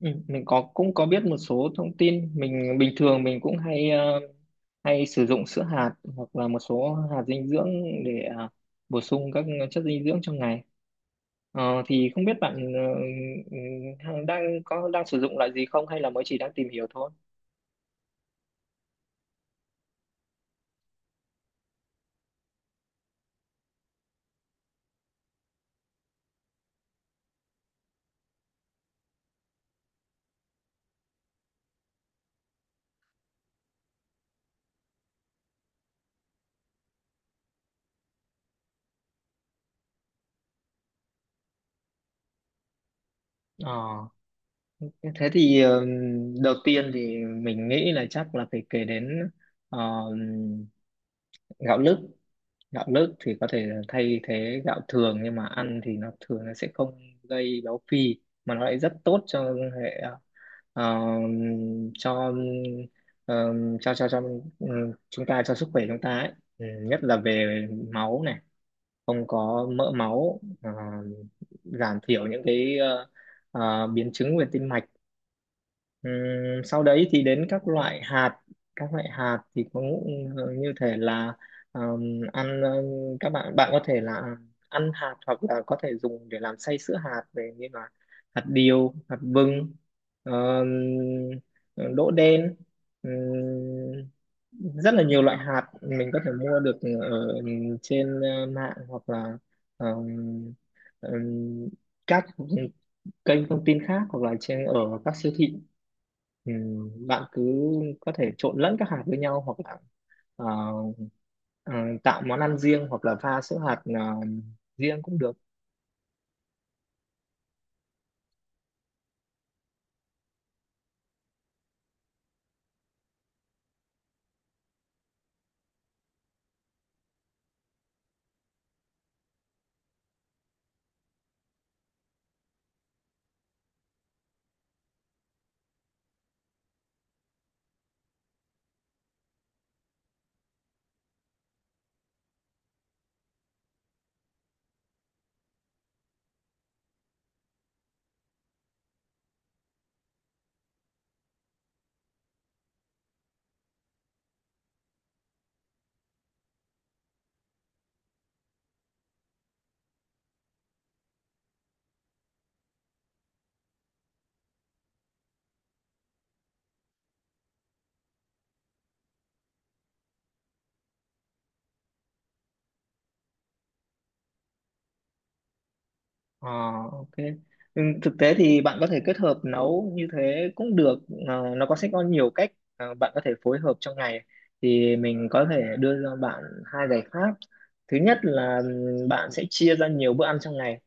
Ừ, mình có, cũng có biết một số thông tin. Mình bình thường mình cũng hay sử dụng sữa hạt hoặc là một số hạt dinh dưỡng để bổ sung các chất dinh dưỡng trong ngày. Thì không biết bạn ừ, đang sử dụng loại gì không, hay là mới chỉ đang tìm hiểu thôi? Ờ, Thế thì đầu tiên thì mình nghĩ là chắc là phải kể đến ờ, gạo lứt. Gạo lứt thì có thể là thay thế gạo thường, nhưng mà ăn thì nó thường nó sẽ không gây béo phì mà nó lại rất tốt cho hệ ờ, cho ờ, cho cho cho ừ, chúng ta, cho sức khỏe chúng ta ấy. Nhất là về máu này, không có mỡ máu, giảm thiểu những cái biến chứng về tim mạch. Ừm, Sau đấy thì đến các loại hạt. Các loại hạt thì có như thể là, ăn, các bạn bạn có thể là ăn hạt hoặc là có thể dùng để làm xay sữa hạt về, như là hạt điều, hạt vừng, đỗ đen, rất là nhiều loại hạt mình có thể mua được ở trên mạng hoặc là ừm, ừm, các kênh thông tin khác, hoặc là trên ở các siêu thị. Ừ, Bạn cứ có thể trộn lẫn các hạt với nhau hoặc là ờ, ờ, tạo món ăn riêng, hoặc là pha sữa hạt riêng cũng được. Ờ, ok. Ừ, thực tế thì bạn có thể kết hợp nấu như thế cũng được. Nó có sẽ có nhiều cách, bạn có thể phối hợp trong ngày. Thì mình có thể đưa cho bạn hai giải pháp. Thứ nhất là bạn sẽ chia ra nhiều bữa ăn trong ngày.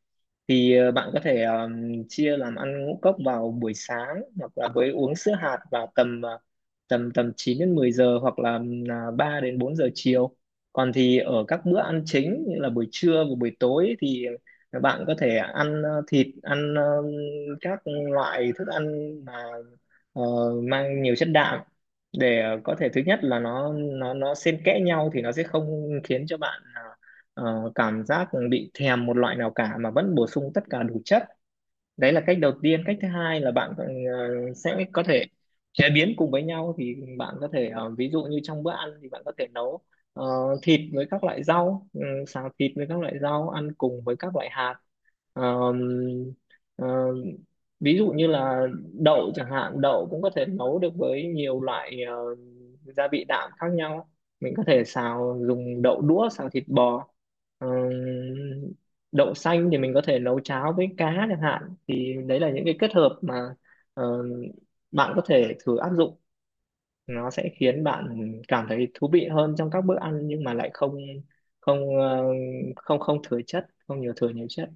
Thì bạn có thể chia làm ăn ngũ cốc vào buổi sáng hoặc là với uống sữa hạt vào tầm ờ, tầm tầm 9 đến 10 giờ, hoặc là là 3 đến 4 giờ chiều. Còn thì ở các bữa ăn chính, như là buổi trưa và buổi tối, thì bạn có thể ăn thịt, ăn các loại thức ăn mà ờ, mang nhiều chất đạm, để có thể, thứ nhất là nó xen kẽ nhau thì nó sẽ không khiến cho bạn cảm giác bị thèm một loại nào cả, mà vẫn bổ sung tất cả đủ chất. Đấy là cách đầu tiên. Cách thứ hai là bạn sẽ có thể chế biến cùng với nhau. Thì bạn có thể, ví dụ như trong bữa ăn thì bạn có thể nấu ờ, thịt với các loại rau, xào thịt với các loại rau ăn cùng với các loại hạt. Ờm, ờ, Ví dụ như là đậu chẳng hạn, đậu cũng có thể nấu được với nhiều loại gia vị đạm khác nhau. Mình có thể xào, dùng đậu đũa xào thịt bò. Ờm, Đậu xanh thì mình có thể nấu cháo với cá chẳng hạn. Thì đấy là những cái kết hợp mà ờ, bạn có thể thử áp dụng. Nó sẽ khiến bạn cảm thấy thú vị hơn trong các bữa ăn, nhưng mà lại không không ờ, không không thừa chất, không nhiều thừa nhiều chất.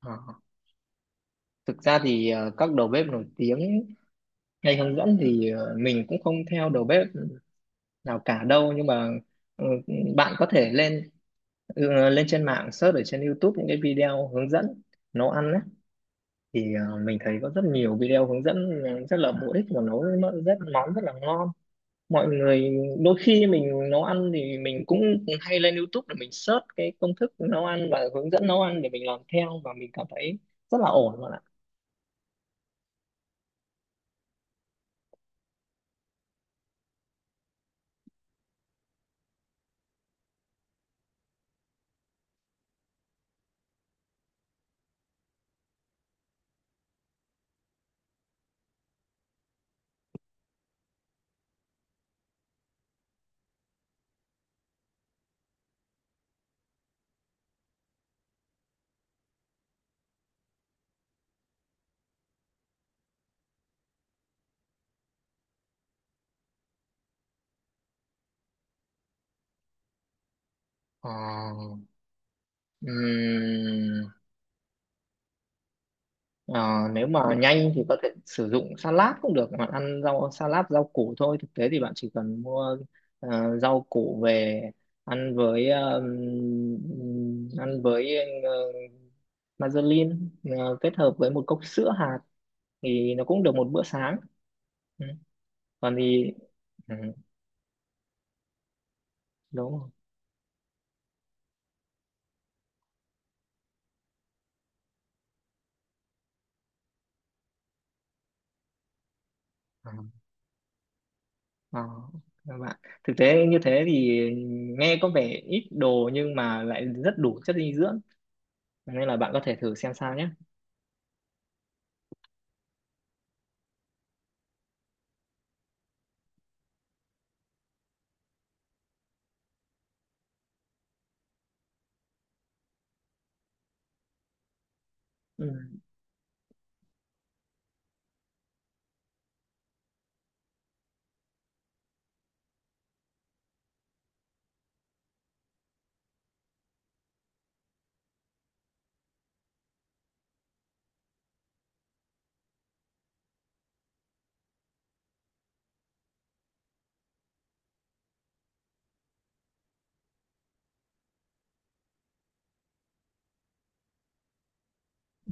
Ờ. Thực ra thì các đầu bếp nổi tiếng hay hướng dẫn thì mình cũng không theo đầu bếp nào cả đâu, nhưng mà ờ, bạn có thể lên, lên trên mạng search ở trên YouTube những cái video hướng dẫn nấu ăn. Thì mình thấy có rất nhiều video hướng dẫn rất là bổ ích, và nấu nó rất món rất là ngon. Mọi người, đôi khi mình nấu ăn thì mình cũng hay lên YouTube để mình search cái công thức nấu ăn và hướng dẫn nấu ăn để mình làm theo, và mình cảm thấy rất là ổn, bạn ạ. Ờ, ừm, ờ, Nếu mà nhanh thì có thể sử dụng salad cũng được. Bạn ăn rau salad, rau củ thôi. Thực tế thì bạn chỉ cần mua rau củ về, ăn với, ăn với ờ, Mazerlin, kết hợp với một cốc sữa hạt thì nó cũng được một bữa sáng. ừ. Còn thì, ừ, đúng rồi. Ờ, ờ, các bạn, thực tế như thế thì nghe có vẻ ít đồ nhưng mà lại rất đủ chất dinh dưỡng, nên là bạn có thể thử xem sao nhé. Ừ.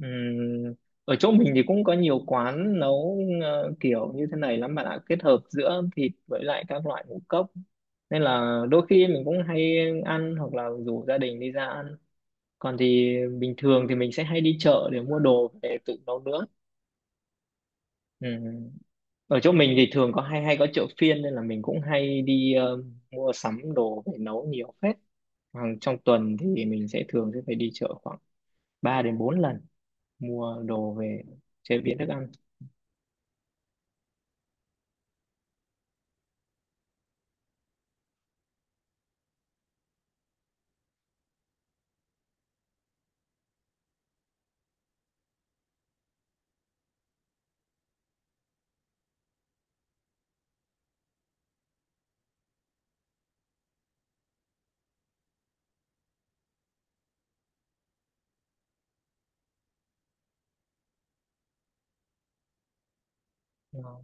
Ừ. Ở chỗ mình thì cũng có nhiều quán nấu kiểu như thế này lắm, bạn ạ. Kết hợp giữa thịt với lại các loại ngũ cốc, nên là đôi khi mình cũng hay ăn, hoặc là rủ gia đình đi ra ăn. Còn thì bình thường thì mình sẽ hay đi chợ để mua đồ về tự nấu nướng. Ừ. Ở chỗ mình thì thường có hay hay có chợ phiên, nên là mình cũng hay đi mua sắm đồ về nấu nhiều phết. Hàng trong tuần thì mình sẽ thường sẽ phải đi chợ khoảng 3 đến 4 lần, mua đồ về chế biến thức ăn. Ờ.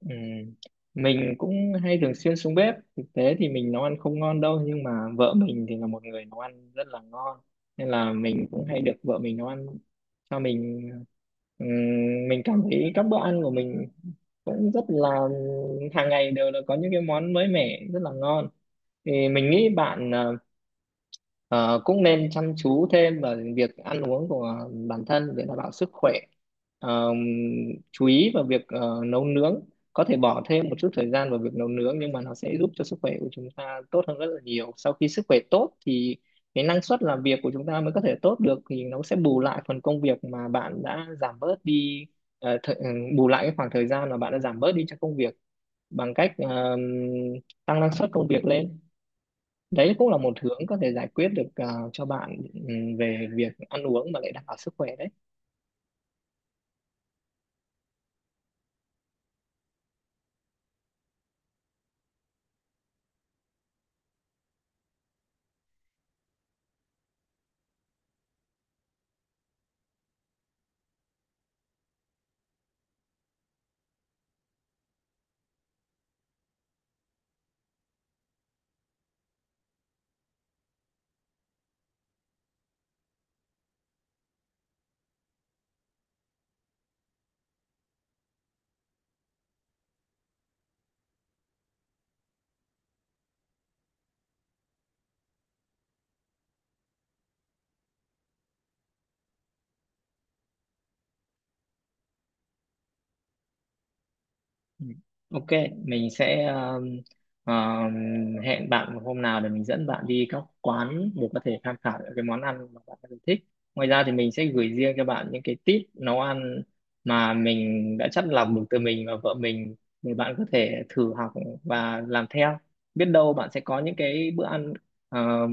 Ừ. Mình cũng hay thường xuyên xuống bếp. Thực tế thì mình nấu ăn không ngon đâu, nhưng mà vợ mình thì là một người nấu ăn rất là ngon, nên là mình cũng hay được vợ mình nấu ăn cho mình. Ừm, mình cảm thấy các bữa ăn của mình cũng rất là, hàng ngày đều là có những cái món mới mẻ rất là ngon. Thì mình nghĩ bạn Ờ, cũng nên chăm chú thêm vào việc ăn uống của bản thân để đảm bảo sức khỏe. Ờ, chú ý vào việc nấu nướng, có thể bỏ thêm một chút thời gian vào việc nấu nướng, nhưng mà nó sẽ giúp cho sức khỏe của chúng ta tốt hơn rất là nhiều. Sau khi sức khỏe tốt thì cái năng suất làm việc của chúng ta mới có thể tốt được, thì nó sẽ bù lại phần công việc mà bạn đã giảm bớt đi, ờ, thời- ừ, bù lại cái khoảng thời gian mà bạn đã giảm bớt đi cho công việc, bằng cách tăng năng suất công việc lên. Đấy cũng là một hướng có thể giải quyết được cho bạn, về việc ăn uống mà lại đảm bảo sức khỏe đấy. Ừ. Ok, mình sẽ um, hẹn bạn một hôm nào để mình dẫn bạn đi các quán để có thể tham khảo những cái món ăn mà bạn đang thích. Ngoài ra thì mình sẽ gửi riêng cho bạn những cái tip nấu ăn mà mình đã chắt lọc được từ mình và vợ mình, để bạn có thể thử học và làm theo. Biết đâu bạn sẽ có những cái bữa ăn um,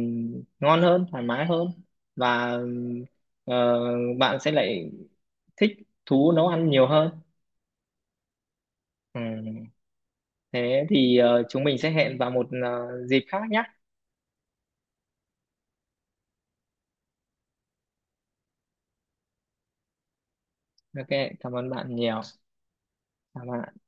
ngon hơn, thoải mái hơn, và ờ, bạn sẽ lại thích thú nấu ăn nhiều hơn. Ừ. Thế thì chúng mình sẽ hẹn vào một dịp khác nhé. Ok, cảm ơn bạn nhiều. Cảm ơn ạ.